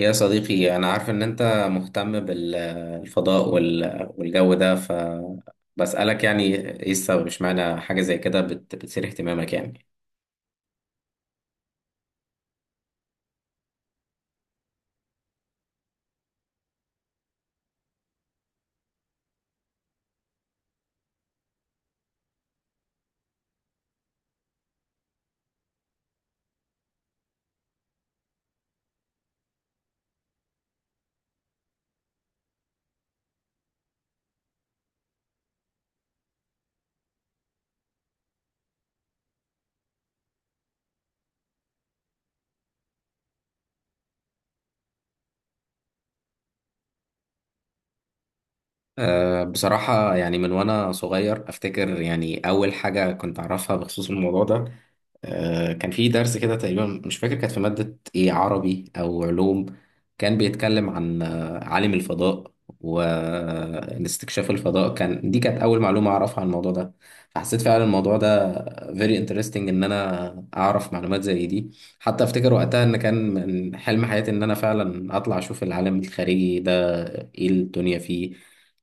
يا صديقي أنا عارف إن أنت مهتم بالفضاء والجو ده، فبسألك يعني إيه السبب؟ إشمعنى حاجة زي كده بتثير اهتمامك يعني؟ أه بصراحة يعني من وأنا صغير أفتكر، يعني أول حاجة كنت أعرفها بخصوص الموضوع ده، كان في درس كده تقريبا، مش فاكر كانت في مادة ايه، عربي او علوم. كان بيتكلم عن عالم الفضاء واستكشاف الفضاء. كان دي كانت اول معلومة اعرفها عن الموضوع ده. فحسيت فعلا الموضوع ده very interesting، ان انا اعرف معلومات زي دي. حتى افتكر وقتها ان كان من حلم حياتي ان انا فعلا اطلع اشوف العالم الخارجي ده، ايه الدنيا فيه.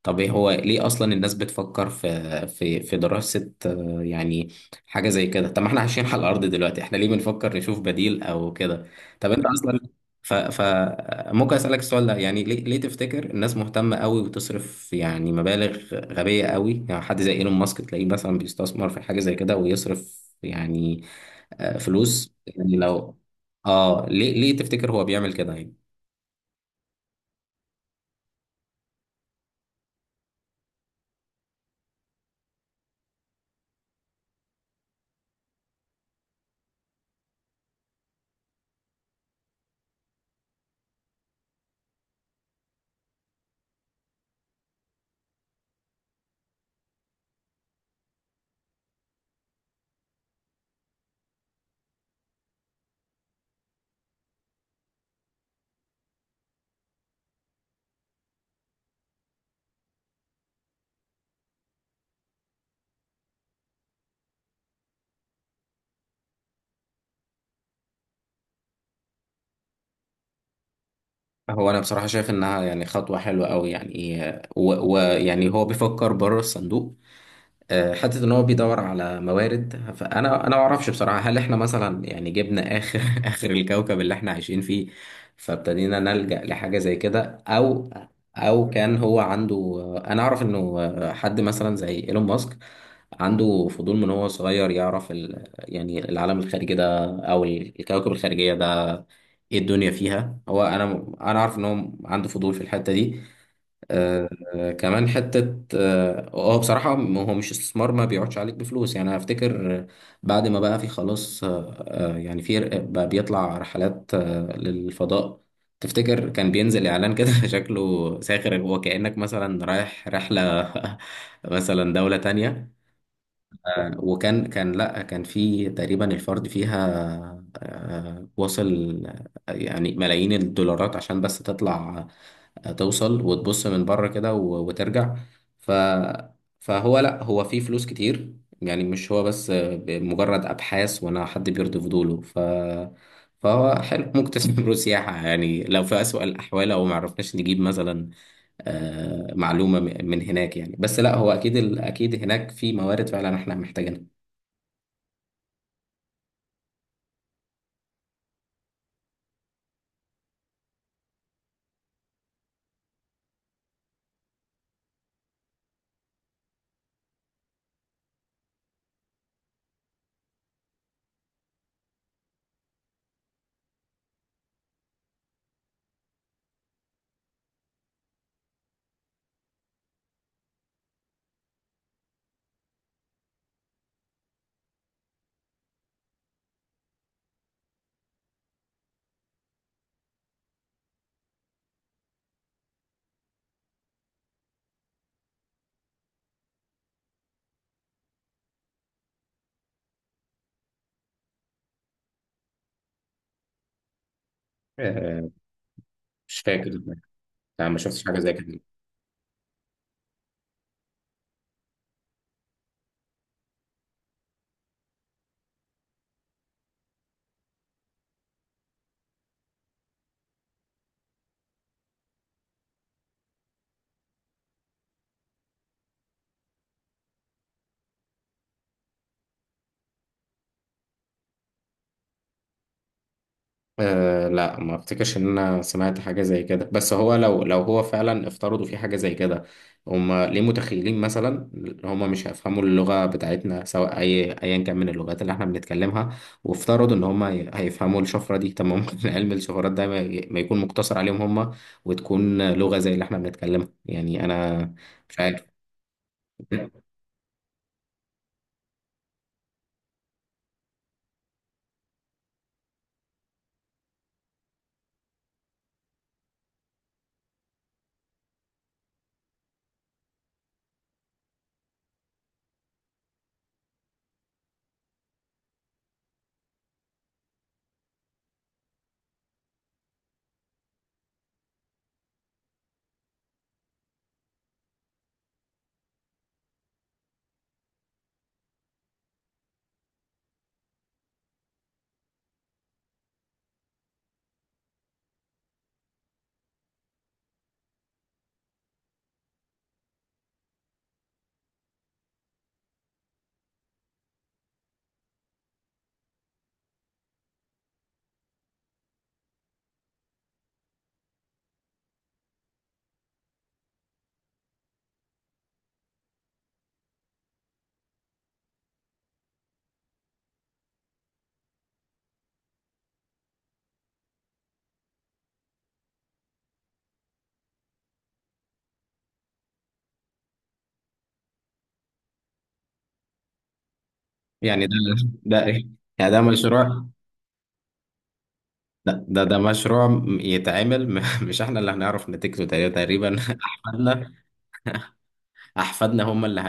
طب ايه هو ليه اصلا الناس بتفكر في دراسة يعني حاجة زي كده؟ طب ما احنا عايشين على الأرض دلوقتي، احنا ليه بنفكر نشوف بديل أو كده؟ طب انت أصلا ف... ف ممكن أسألك السؤال ده؟ يعني ليه تفتكر الناس مهتمة قوي وتصرف يعني مبالغ غبية قوي؟ يعني حد زي إيلون ماسك تلاقيه مثلا بيستثمر في حاجة زي كده ويصرف يعني فلوس، يعني لو اه ليه تفتكر هو بيعمل كده يعني؟ هو انا بصراحه شايف انها يعني خطوه حلوه قوي، يعني يعني هو بيفكر بره الصندوق. حته ان هو بيدور على موارد، فانا ما اعرفش بصراحه، هل احنا مثلا يعني جبنا اخر اخر الكوكب اللي احنا عايشين فيه فابتدينا نلجأ لحاجه زي كده، او كان هو عنده. انا اعرف انه حد مثلا زي ايلون ماسك عنده فضول من هو صغير، يعرف يعني العالم الخارجي ده او الكوكب الخارجيه ده، ايه الدنيا فيها. هو انا عارف ان هو عنده فضول في الحته دي. آه، كمان حتة اه، بصراحة هو مش استثمار، ما بيقعدش عليك بفلوس. يعني أنا افتكر بعد ما بقى في خلاص، يعني في بقى بيطلع رحلات للفضاء. تفتكر كان بينزل اعلان كده شكله ساخر، هو كأنك مثلا رايح رحلة مثلا دولة تانية. وكان كان لا كان في تقريبا الفرد فيها وصل يعني ملايين الدولارات عشان بس تطلع، توصل وتبص من بره كده وترجع. ف فهو لا، هو فيه فلوس كتير، يعني مش هو بس مجرد ابحاث وانا حد بيرضي فضوله. فهو حلو ممكن تستثمره سياحة، يعني لو في أسوأ الأحوال، أو معرفناش نجيب مثلا معلومة من هناك. يعني بس لا، هو أكيد أكيد هناك في موارد فعلا إحنا محتاجينها. آه، مش فاكر. لا، ما شفتش حاجة زي كده. أه لا، ما افتكرش ان انا سمعت حاجه زي كده، بس هو لو هو فعلا افترضوا في حاجه زي كده، هم ليه متخيلين مثلا هم مش هيفهموا اللغه بتاعتنا، سواء اي ايا كان من اللغات اللي احنا بنتكلمها، وافترضوا ان هم هيفهموا الشفره دي؟ طب ما ممكن علم الشفرات ده ما يكون مقتصر عليهم هم، وتكون لغه زي اللي احنا بنتكلمها. يعني انا مش عارف. يعني ده إيه؟ يعني ده مشروع. لا ده مشروع يتعمل مش احنا اللي هنعرف نتيجته، تقريبا احفادنا. احفادنا هم اللي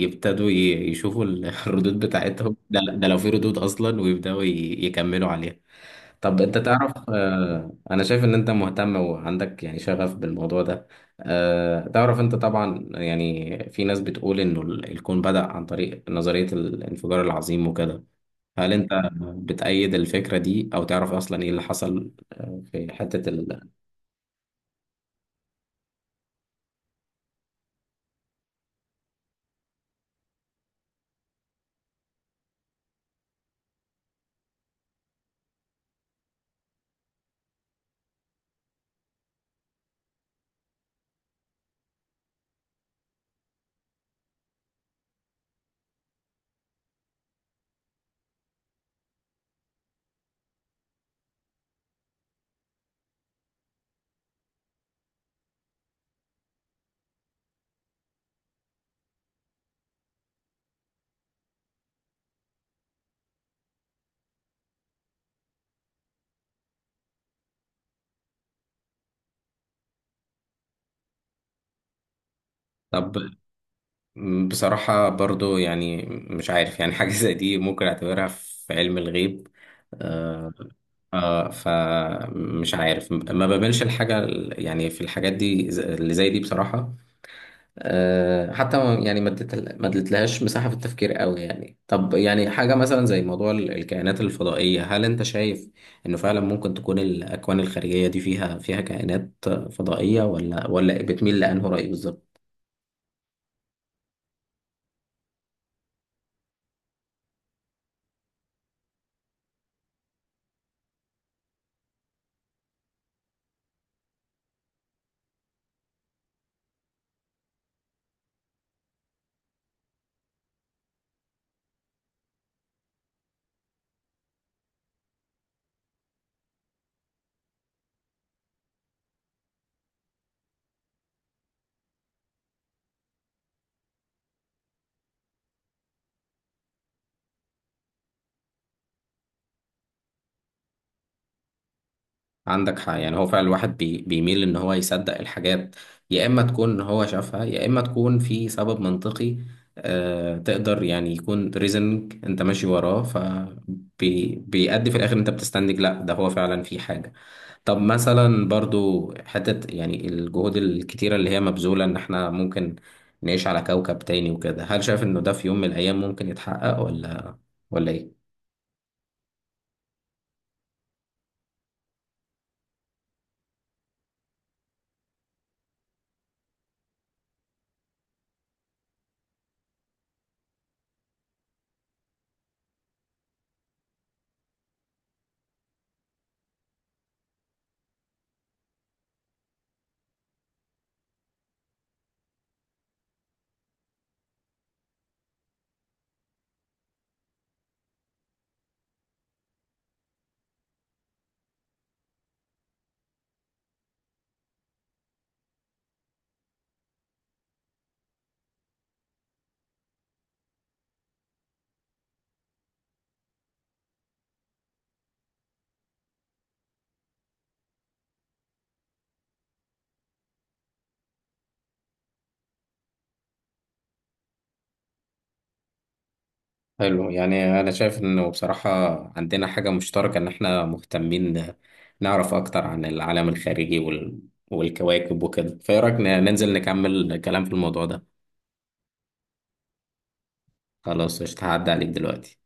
هيبتدوا يشوفوا الردود بتاعتهم، ده لو في ردود اصلا، ويبداوا يكملوا عليها. طب انت تعرف، انا شايف ان انت مهتم وعندك يعني شغف بالموضوع ده. تعرف انت طبعا، يعني في ناس بتقول انه الكون بدأ عن طريق نظرية الانفجار العظيم وكده. هل انت بتأيد الفكرة دي، او تعرف اصلا ايه اللي حصل في حتة طب بصراحة برضو يعني مش عارف، يعني حاجة زي دي ممكن اعتبرها في علم الغيب. آه فمش عارف، ما بملش الحاجة يعني في الحاجات دي اللي زي دي بصراحة. حتى يعني ما اديتلهاش مساحة في التفكير قوي. يعني طب، يعني حاجة مثلا زي موضوع الكائنات الفضائية، هل انت شايف انه فعلا ممكن تكون الأكوان الخارجية دي فيها كائنات فضائية، ولا بتميل لأنه رأي بالظبط؟ عندك حق. يعني هو فعلا الواحد بيميل ان هو يصدق الحاجات، يا اما تكون هو شافها، يا اما تكون في سبب منطقي. آه، تقدر يعني يكون ريزنج انت ماشي وراه، فبيأدي في الاخر انت بتستنتج لا، ده هو فعلا في حاجة. طب مثلا برضو حتة، يعني الجهود الكتيرة اللي هي مبذولة ان احنا ممكن نعيش على كوكب تاني وكده، هل شايف انه ده في يوم من الايام ممكن يتحقق، ولا ايه؟ حلو. يعني انا شايف انه بصراحة عندنا حاجة مشتركة ان احنا مهتمين نعرف اكتر عن العالم الخارجي والكواكب وكده. فايه رأيك ننزل نكمل كلام في الموضوع ده؟ خلاص قشطة، هعدي عليك دلوقتي.